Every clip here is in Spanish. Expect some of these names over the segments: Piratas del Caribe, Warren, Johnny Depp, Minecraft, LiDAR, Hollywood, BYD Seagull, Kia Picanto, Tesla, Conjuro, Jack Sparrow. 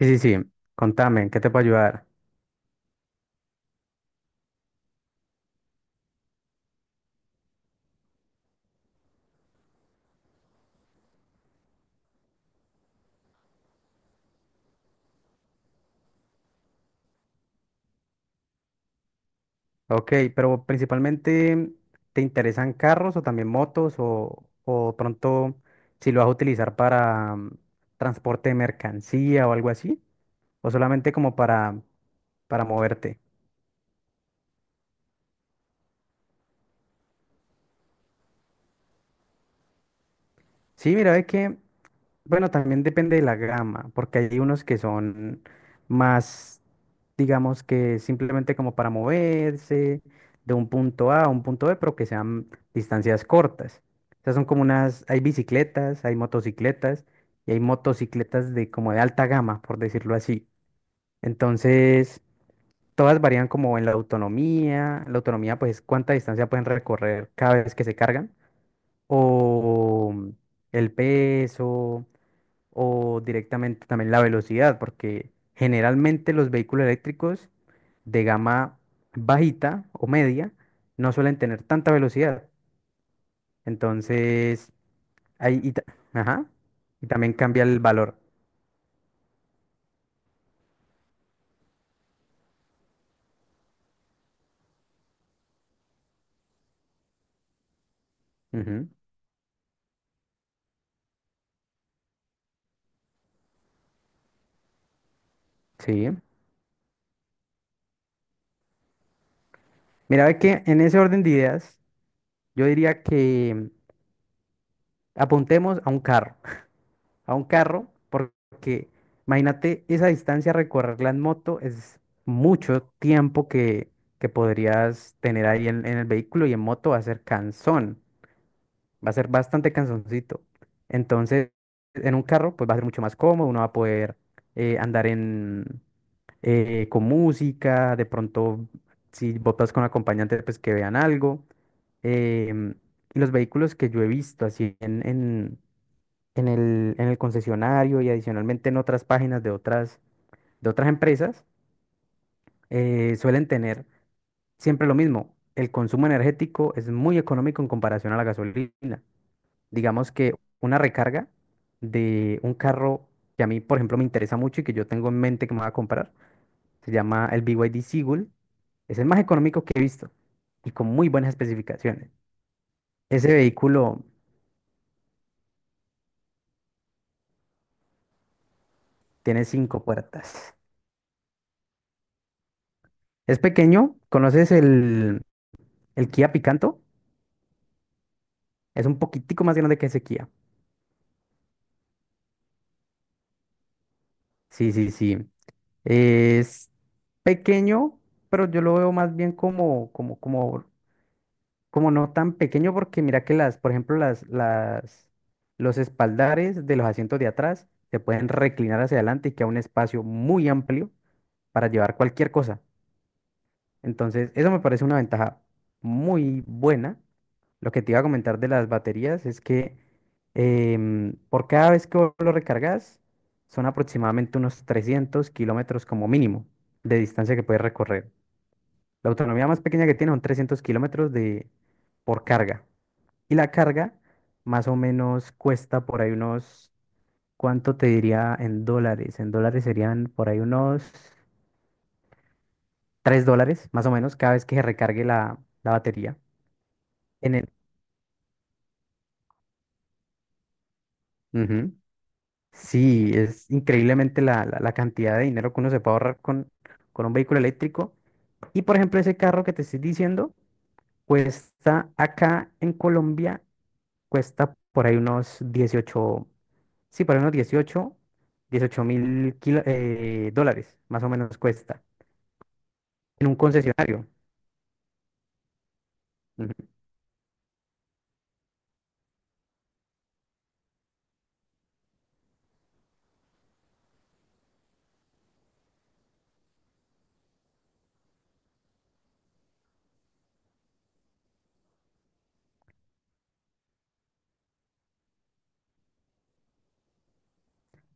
Sí, sí, sí. Contame, ¿en ¿qué te puedo ayudar? Ok, pero principalmente, ¿te interesan carros o también motos o pronto si lo vas a utilizar para transporte de mercancía o algo así? ¿O solamente como para moverte? Sí, mira, ve que bueno, también depende de la gama, porque hay unos que son más, digamos que simplemente como para moverse de un punto A a un punto B, pero que sean distancias cortas. O sea, son como unas, hay bicicletas, hay motocicletas y hay motocicletas de como de alta gama, por decirlo así. Entonces, todas varían como en la autonomía. La autonomía, pues, cuánta distancia pueden recorrer cada vez que se cargan o el peso o directamente también la velocidad, porque generalmente los vehículos eléctricos de gama bajita o media no suelen tener tanta velocidad. Entonces, ahí, y, ajá, y también cambia el valor. Ujú. Sí, mira, ve que en ese orden de ideas, yo diría que apuntemos a un carro. A un carro, porque imagínate esa distancia recorrerla en moto es mucho tiempo que podrías tener ahí en el vehículo, y en moto va a ser cansón, va a ser bastante cansoncito. Entonces, en un carro pues va a ser mucho más cómodo, uno va a poder andar en, con música, de pronto si botas con acompañante pues que vean algo. em, y los vehículos que yo he visto así en en el concesionario y adicionalmente en otras páginas de otras empresas, suelen tener siempre lo mismo. El consumo energético es muy económico en comparación a la gasolina. Digamos que una recarga de un carro que a mí, por ejemplo, me interesa mucho y que yo tengo en mente que me voy a comprar, se llama el BYD Seagull. Es el más económico que he visto y con muy buenas especificaciones. Ese vehículo tiene cinco puertas. Es pequeño. ¿Conoces el Kia Picanto? Es un poquitico más grande que Sequía. Sí, sí, sí. Es pequeño, pero yo lo veo más bien como no tan pequeño, porque mira que las, por ejemplo, los espaldares de los asientos de atrás se pueden reclinar hacia adelante y queda un espacio muy amplio para llevar cualquier cosa. Entonces, eso me parece una ventaja muy buena. Lo que te iba a comentar de las baterías es que por cada vez que vos lo recargas, son aproximadamente unos 300 kilómetros como mínimo de distancia que puedes recorrer. La autonomía más pequeña que tiene son 300 kilómetros de, por carga. Y la carga más o menos cuesta por ahí unos, ¿cuánto te diría en dólares? En dólares serían por ahí unos 3 dólares más o menos cada vez que se recargue la batería. En el... Ujú. Sí, es increíblemente la cantidad de dinero que uno se puede ahorrar con un vehículo eléctrico. Y por ejemplo, ese carro que te estoy diciendo cuesta acá en Colombia, cuesta por ahí unos dieciocho, sí, por ahí unos dieciocho mil dólares, más o menos cuesta, en un concesionario. Ujú.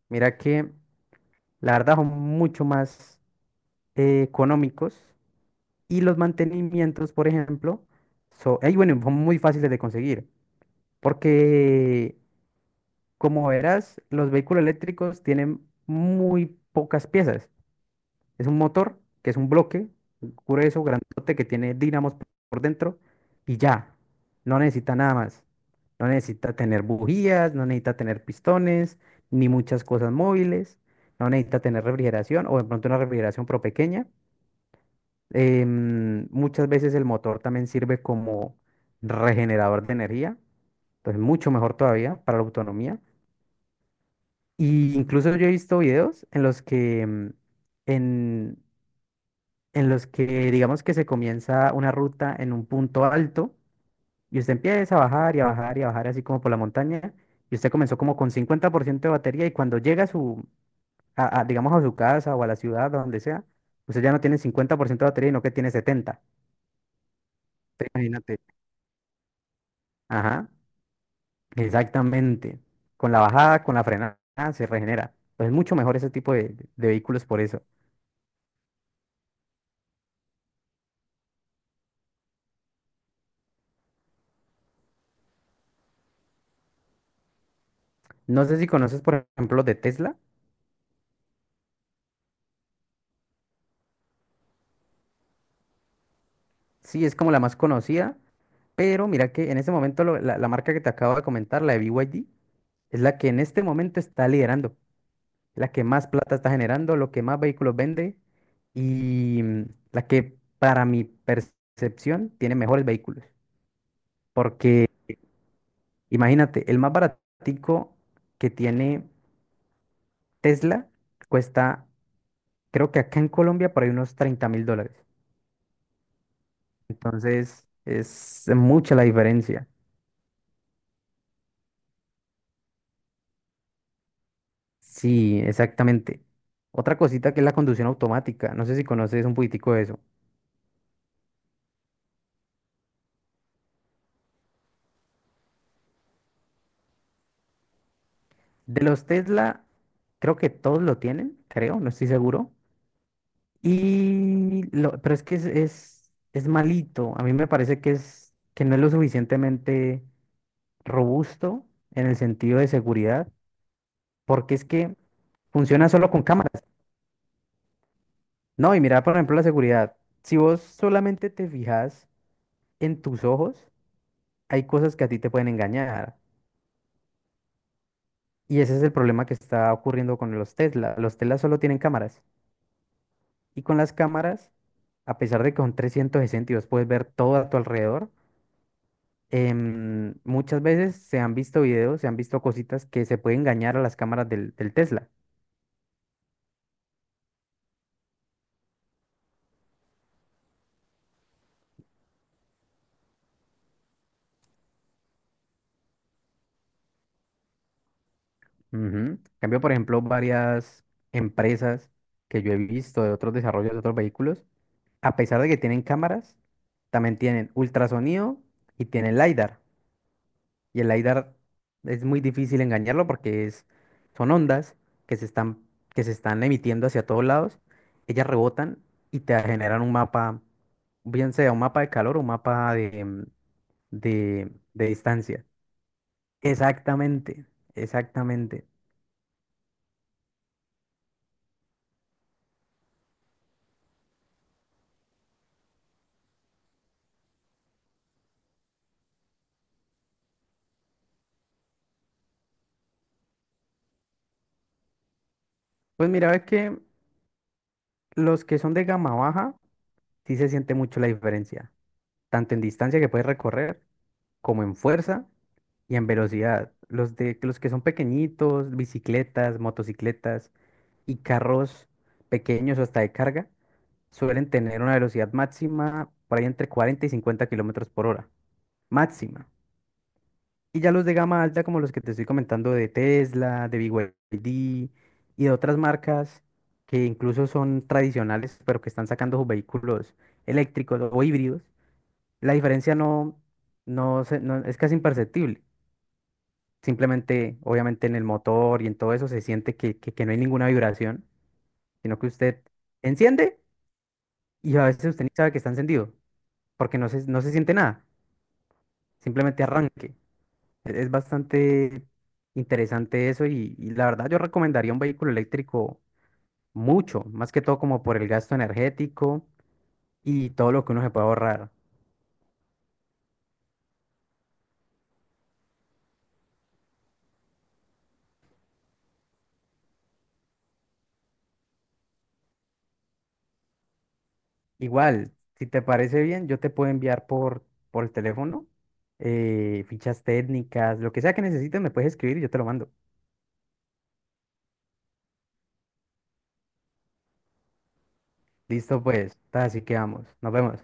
Mira que la verdad son mucho más económicos. Y los mantenimientos, por ejemplo, son, bueno, son muy fáciles de conseguir, porque como verás, los vehículos eléctricos tienen muy pocas piezas. Es un motor, que es un bloque grueso, grandote, que tiene dínamos por dentro y ya, no necesita nada más. No necesita tener bujías, no necesita tener pistones, ni muchas cosas móviles, no necesita tener refrigeración o de pronto una refrigeración pro pequeña. Muchas veces el motor también sirve como regenerador de energía, entonces mucho mejor todavía para la autonomía. Y incluso yo he visto videos en los que, en, en los que digamos que se comienza una ruta en un punto alto y usted empieza a bajar y a bajar y a bajar así como por la montaña, y usted comenzó como con 50% de batería, y cuando llega a su, digamos a su casa o a la ciudad o donde sea, usted ya no tiene 50% de batería, sino que tiene 70. Imagínate. Ajá. Exactamente. Con la bajada, con la frenada, se regenera. Pues es mucho mejor ese tipo de vehículos por eso. No sé si conoces, por ejemplo, los de Tesla. Sí, es como la más conocida, pero mira que en este momento la marca que te acabo de comentar, la de BYD, es la que en este momento está liderando, la que más plata está generando, lo que más vehículos vende y la que, para mi percepción, tiene mejores vehículos. Porque imagínate, el más baratico que tiene Tesla cuesta, creo que acá en Colombia por ahí unos 30.000 dólares. Entonces es mucha la diferencia. Sí, exactamente. Otra cosita que es la conducción automática. No sé si conoces un poquitico de eso. De los Tesla, creo que todos lo tienen, creo, no estoy seguro. Y lo, pero es que es malito. A mí me parece que es que no es lo suficientemente robusto en el sentido de seguridad, porque es que funciona solo con cámaras. No, y mira, por ejemplo, la seguridad. Si vos solamente te fijas en tus ojos, hay cosas que a ti te pueden engañar. Y ese es el problema que está ocurriendo con los Tesla. Los Tesla solo tienen cámaras. Y con las cámaras, a pesar de que son 360 y vos puedes ver todo a tu alrededor, muchas veces se han visto videos, se han visto cositas que se pueden engañar a las cámaras del Tesla. Ujú. En cambio, por ejemplo, varias empresas que yo he visto de otros desarrollos de otros vehículos, a pesar de que tienen cámaras, también tienen ultrasonido y tienen LiDAR. Y el LiDAR es muy difícil engañarlo porque es, son ondas que se están, que se están emitiendo hacia todos lados. Ellas rebotan y te generan un mapa, bien sea un mapa de calor o un mapa de, de distancia. Exactamente, exactamente. Pues mira, es que los que son de gama baja, sí se siente mucho la diferencia, tanto en distancia que puedes recorrer, como en fuerza y en velocidad. Los de los que son pequeñitos, bicicletas, motocicletas y carros pequeños o hasta de carga, suelen tener una velocidad máxima por ahí entre 40 y 50 kilómetros por hora. Máxima. Y ya los de gama alta, como los que te estoy comentando de Tesla, de BYD y D y de otras marcas que incluso son tradicionales, pero que están sacando sus vehículos eléctricos o híbridos, la diferencia es casi imperceptible. Simplemente, obviamente, en el motor y en todo eso se siente que no hay ninguna vibración, sino que usted enciende, y a veces usted ni sabe que está encendido, porque no se siente nada, simplemente arranque. Es bastante interesante eso, y la verdad yo recomendaría un vehículo eléctrico mucho, más que todo como por el gasto energético y todo lo que uno se puede ahorrar. Igual, si te parece bien, yo te puedo enviar por el teléfono fichas técnicas, lo que sea que necesites me puedes escribir y yo te lo mando. Listo pues, ta, así que vamos, nos vemos.